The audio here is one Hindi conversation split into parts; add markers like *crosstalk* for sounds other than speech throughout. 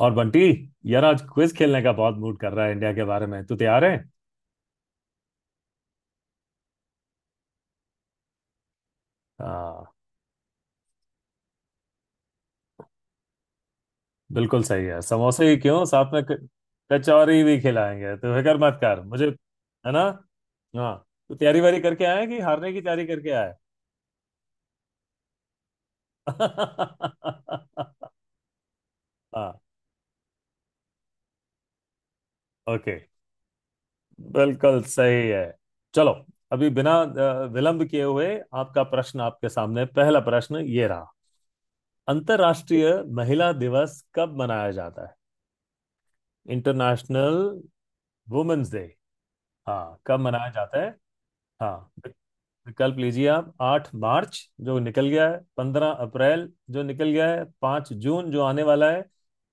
और बंटी, यार आज क्विज खेलने का बहुत मूड कर रहा है इंडिया के बारे में। तू तैयार है? हाँ, बिल्कुल सही है। समोसे ही क्यों, साथ में कचौरी भी खिलाएंगे, तो फिक्र मत कर मुझे। है ना? हाँ। तू तैयारी वारी करके आया है कि हारने की तैयारी करके आया है? *laughs* हाँ। ओके, बिल्कुल सही है। चलो, अभी बिना विलंब किए हुए आपका प्रश्न आपके सामने। पहला प्रश्न ये रहा। अंतर्राष्ट्रीय महिला दिवस कब मनाया जाता है? International women's day. हाँ, कब मनाया जाता है? हाँ वि- विकल्प लीजिए आप। 8 मार्च, जो निकल गया है। 15 अप्रैल, जो निकल गया है। 5 जून, जो आने वाला है।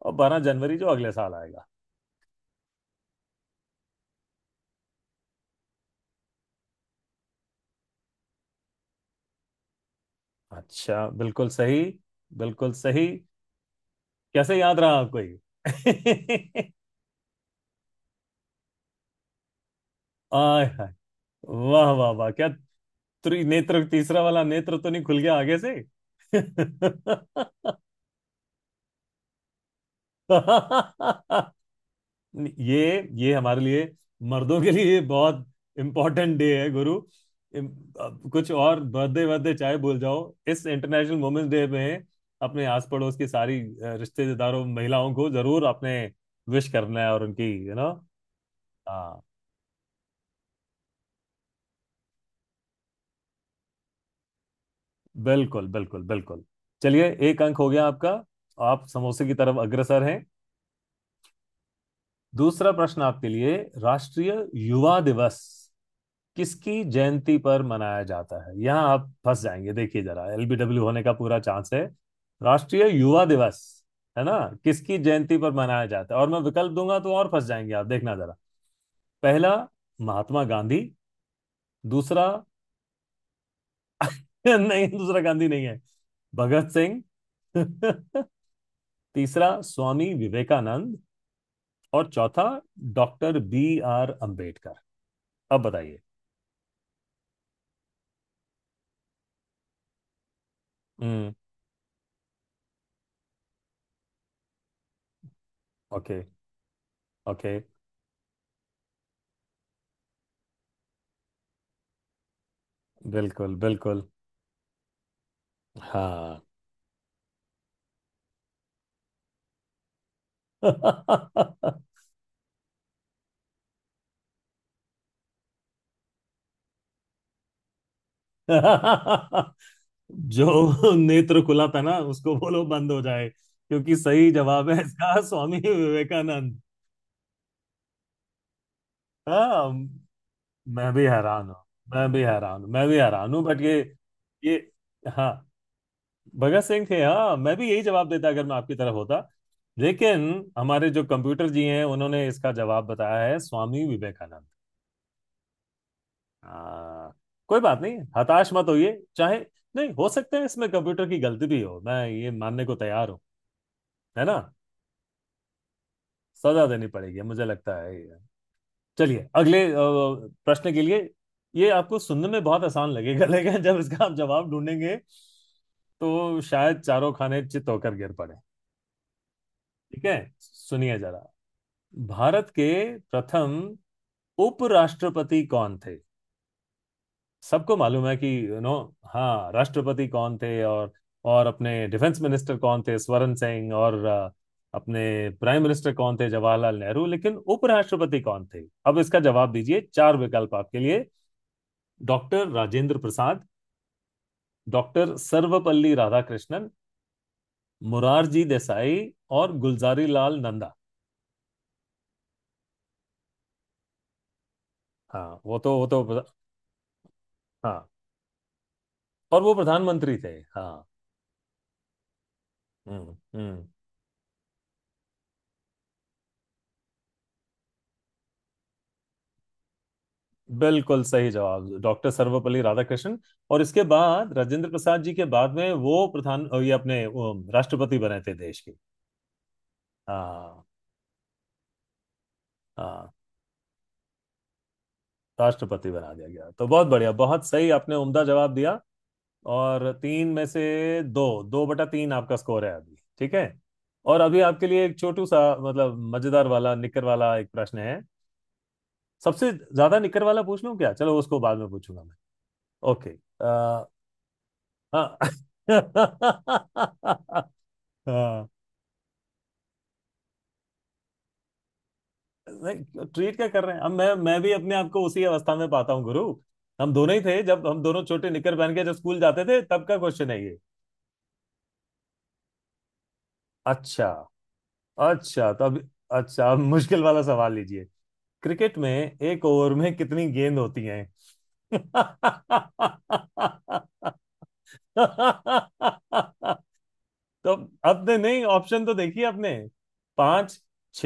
और 12 जनवरी, जो अगले साल आएगा। अच्छा, बिल्कुल सही। बिल्कुल सही। कैसे याद रहा आपको ये? *laughs* आय हाय। वाह वाह वाह, क्या त्रि नेत्र, तीसरा वाला नेत्र तो नहीं खुल गया आगे से? *laughs* ये हमारे लिए, मर्दों के लिए बहुत इम्पोर्टेंट डे है गुरु। अब कुछ और बर्थडे बर्थडे चाहे भूल जाओ, इस इंटरनेशनल वुमेन्स डे में अपने आस पड़ोस की सारी रिश्तेदारों महिलाओं को जरूर अपने विश करना है और उनकी। हाँ, बिल्कुल बिल्कुल बिल्कुल। चलिए, एक अंक हो गया आपका। आप समोसे की तरफ अग्रसर हैं। दूसरा प्रश्न आपके लिए। राष्ट्रीय युवा दिवस किसकी जयंती पर मनाया जाता है? यहाँ आप फंस जाएंगे, देखिए जरा, एलबीडब्ल्यू होने का पूरा चांस है। राष्ट्रीय युवा दिवस। है ना? किसकी जयंती पर मनाया जाता है, और मैं विकल्प दूंगा तो और फंस जाएंगे आप, देखना जरा। पहला, महात्मा गांधी। दूसरा, *laughs* नहीं, दूसरा गांधी नहीं है, भगत सिंह। *laughs* तीसरा, स्वामी विवेकानंद। और चौथा, डॉक्टर बी आर अंबेडकर। अब बताइए। हम्म। Okay, okay. बिल्कुल, बिल्कुल। हाँ। *laughs* जो नेत्र खुला था ना उसको बोलो बंद हो जाए, क्योंकि सही जवाब है इसका *laughs* स्वामी विवेकानंद। हाँ, मैं भी हैरान हूँ, मैं भी हैरान हूँ, मैं भी हैरान हूँ, बट ये ये। हाँ, भगत सिंह थे। हाँ, मैं भी यही जवाब देता अगर मैं आपकी तरफ होता। लेकिन हमारे जो कंप्यूटर जी हैं, उन्होंने इसका जवाब बताया है स्वामी विवेकानंद। हाँ। कोई बात नहीं, हताश मत होइए। चाहे नहीं, हो सकता है इसमें कंप्यूटर की गलती भी हो, मैं ये मानने को तैयार हूँ। है ना? सजा देनी पड़ेगी, मुझे लगता है ये। चलिए अगले प्रश्न के लिए। ये आपको सुनने में बहुत आसान लगेगा *laughs* लेकिन जब इसका आप जवाब ढूंढेंगे तो शायद चारों खाने चित होकर गिर पड़े। ठीक है, सुनिए जरा। भारत के प्रथम उपराष्ट्रपति कौन थे? सबको मालूम है कि हाँ, राष्ट्रपति कौन थे, और अपने डिफेंस मिनिस्टर कौन थे, स्वरण सिंह, और अपने प्राइम मिनिस्टर कौन थे, जवाहरलाल नेहरू, लेकिन उपराष्ट्रपति कौन थे, अब इसका जवाब दीजिए। चार विकल्प आपके लिए। डॉक्टर राजेंद्र प्रसाद। डॉक्टर सर्वपल्ली राधाकृष्णन। मुरारजी देसाई। और गुलजारी लाल नंदा। हाँ, वो तो, वो तो। हाँ, और वो प्रधानमंत्री थे, हाँ। हम्म। हम्म। बिल्कुल सही जवाब, डॉक्टर सर्वपल्ली राधाकृष्णन। और इसके बाद राजेंद्र प्रसाद जी के बाद में वो प्रधान, ये अपने राष्ट्रपति बने थे देश के। हाँ। हाँ, राष्ट्रपति बना दिया गया, तो बहुत बढ़िया, बहुत सही आपने उम्दा जवाब दिया। और 3 में से 2, 2/3 आपका स्कोर है अभी। ठीक है। और अभी आपके लिए एक छोटू सा, मतलब, मजेदार वाला, निकर वाला एक प्रश्न है। सबसे ज्यादा निकर वाला पूछ लूं क्या? चलो उसको बाद में पूछूंगा मैं। ओके। आ, हाँ। *laughs* हाँ। नहीं, ट्रीट क्या कर रहे हैं, अब मैं भी अपने आप को उसी अवस्था में पाता हूँ गुरु। हम दोनों ही थे, जब हम दोनों छोटे निकर पहन के जब स्कूल जाते थे, तब का क्वेश्चन है ये। अच्छा। अच्छा तब। अच्छा अब मुश्किल वाला सवाल लीजिए। क्रिकेट में एक ओवर में कितनी गेंद होती हैं? *laughs* तो आपने, नहीं, ऑप्शन तो देखिए आपने। पांच, छ,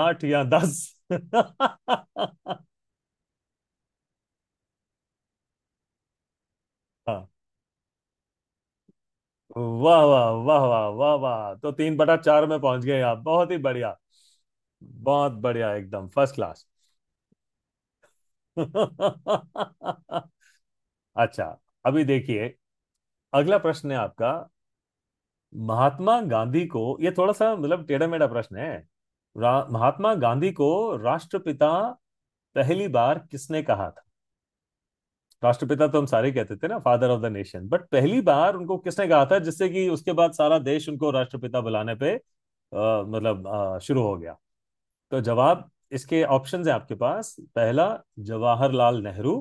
आठ या दस। *laughs* हाँ, वाह वाह वाह वाह वाह वाह, तो 3/4 में पहुंच गए आप। बहुत ही बढ़िया। बहुत बढ़िया, एकदम फर्स्ट क्लास। *laughs* अच्छा। अभी देखिए, अगला प्रश्न है आपका। महात्मा गांधी को, ये थोड़ा सा मतलब टेढ़ा मेढ़ा प्रश्न है। महात्मा गांधी को राष्ट्रपिता पहली बार किसने कहा था? राष्ट्रपिता तो हम सारे कहते थे ना, father of the nation, but पहली बार उनको किसने कहा था जिससे कि उसके बाद सारा देश उनको राष्ट्रपिता बुलाने पे मतलब शुरू हो गया। तो जवाब, इसके ऑप्शंस है आपके पास। पहला, जवाहरलाल नेहरू।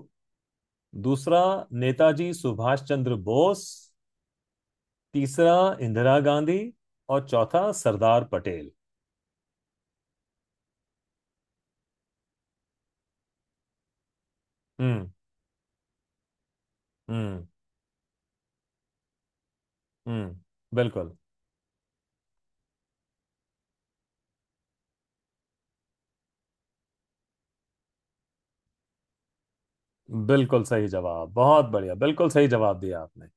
दूसरा, नेताजी सुभाष चंद्र बोस। तीसरा, इंदिरा गांधी। और चौथा, सरदार पटेल। हम्म। हम्म। हम्म। बिल्कुल, बिल्कुल सही जवाब, बहुत बढ़िया, बिल्कुल सही जवाब दिया आपने।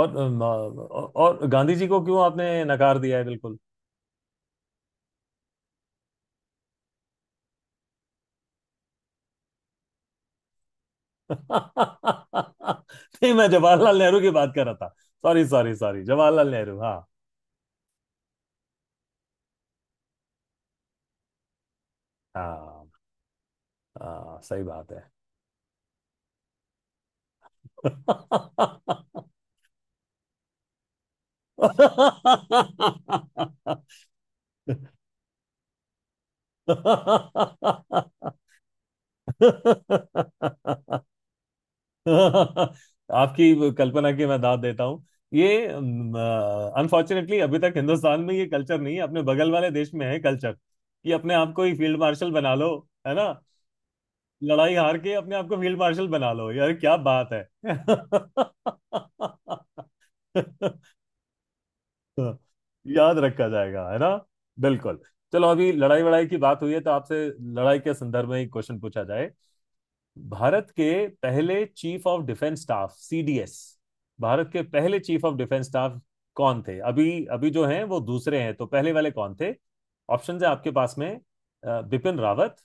और और गांधी जी को क्यों आपने नकार दिया है बिल्कुल? *laughs* नहीं, मैं जवाहरलाल नेहरू की बात कर रहा था। Sorry sorry sorry, Jawaharlal Nehru. हाँ। हाँ, हाँ, सही बात है। आपकी कल्पना की मैं दाद देता हूँ। ये अनफॉर्चुनेटली अभी तक हिंदुस्तान में ये कल्चर नहीं है, अपने बगल वाले देश में है कल्चर कि अपने आप को ही फील्ड मार्शल बना लो। है ना? लड़ाई हार के अपने आप को फील्ड मार्शल बना लो, यार क्या बात है। *laughs* हाँ, याद रखा जाएगा, है ना? बिल्कुल। चलो अभी लड़ाई वड़ाई की बात हुई है तो आपसे लड़ाई के संदर्भ में एक क्वेश्चन पूछा जाए। भारत के पहले chief of defence staff, CDS, Bharat के पहले चीफ ऑफ डिफेंस स्टाफ कौन थे? अभी अभी जो हैं वो दूसरे हैं, तो पहले वाले कौन थे? ऑप्शन है आपके पास में। बिपिन रावत।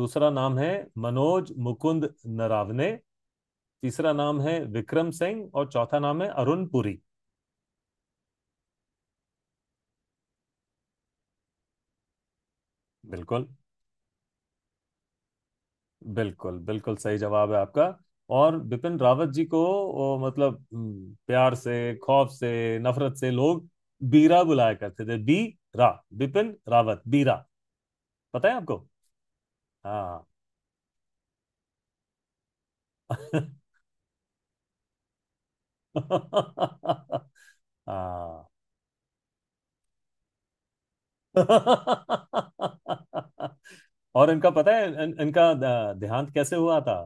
दूसरा नाम है मनोज मुकुंद नरावने। तीसरा नाम है विक्रम सिंह। और चौथा नाम है अरुण पुरी। बिल्कुल, बिल्कुल, बिल्कुल सही जवाब है आपका। और बिपिन रावत जी को मतलब, प्यार से, खौफ से, नफरत से लोग बीरा बुलाया करते थे। बी, रा, बिपिन रावत, बीरा। पता है आपको? हाँ। *laughs* हाँ। *laughs* और इनका पता है, इनका देहांत कैसे हुआ था?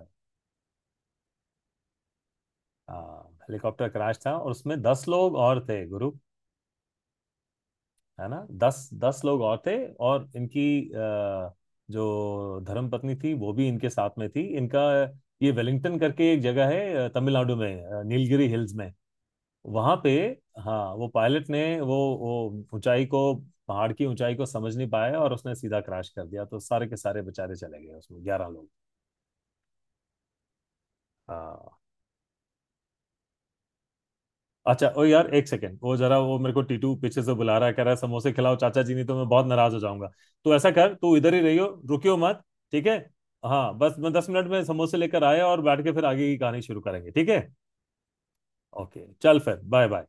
हाँ, हेलीकॉप्टर क्रैश था और उसमें 10 लोग और थे गुरु। है ना? 10 10 लोग और थे, और इनकी अ, जो धर्मपत्नी थी वो भी इनके साथ में थी। इनका ये वेलिंगटन करके एक जगह है, तमिलनाडु में, नीलगिरी हिल्स में, वहां पे। हाँ, वो पायलट ने वो ऊंचाई को, पहाड़ की ऊंचाई को समझ नहीं पाया और उसने सीधा क्रैश कर दिया, तो सारे के सारे बेचारे चले गए उसमें 11 लोग। हाँ। अच्छा ओ यार, एक सेकंड, वो जरा वो मेरे को टीटू पीछे से बुला रहा है, कह रहा है समोसे खिलाओ चाचा जी, नहीं तो मैं बहुत नाराज हो जाऊंगा। तो ऐसा कर, तू इधर ही रहियो, रुकियो मत। ठीक है? हाँ, बस मैं 10 मिनट में समोसे लेकर आया और बैठ के फिर आगे की कहानी शुरू करेंगे। ठीक है? ओके, चल फिर। Bye bye.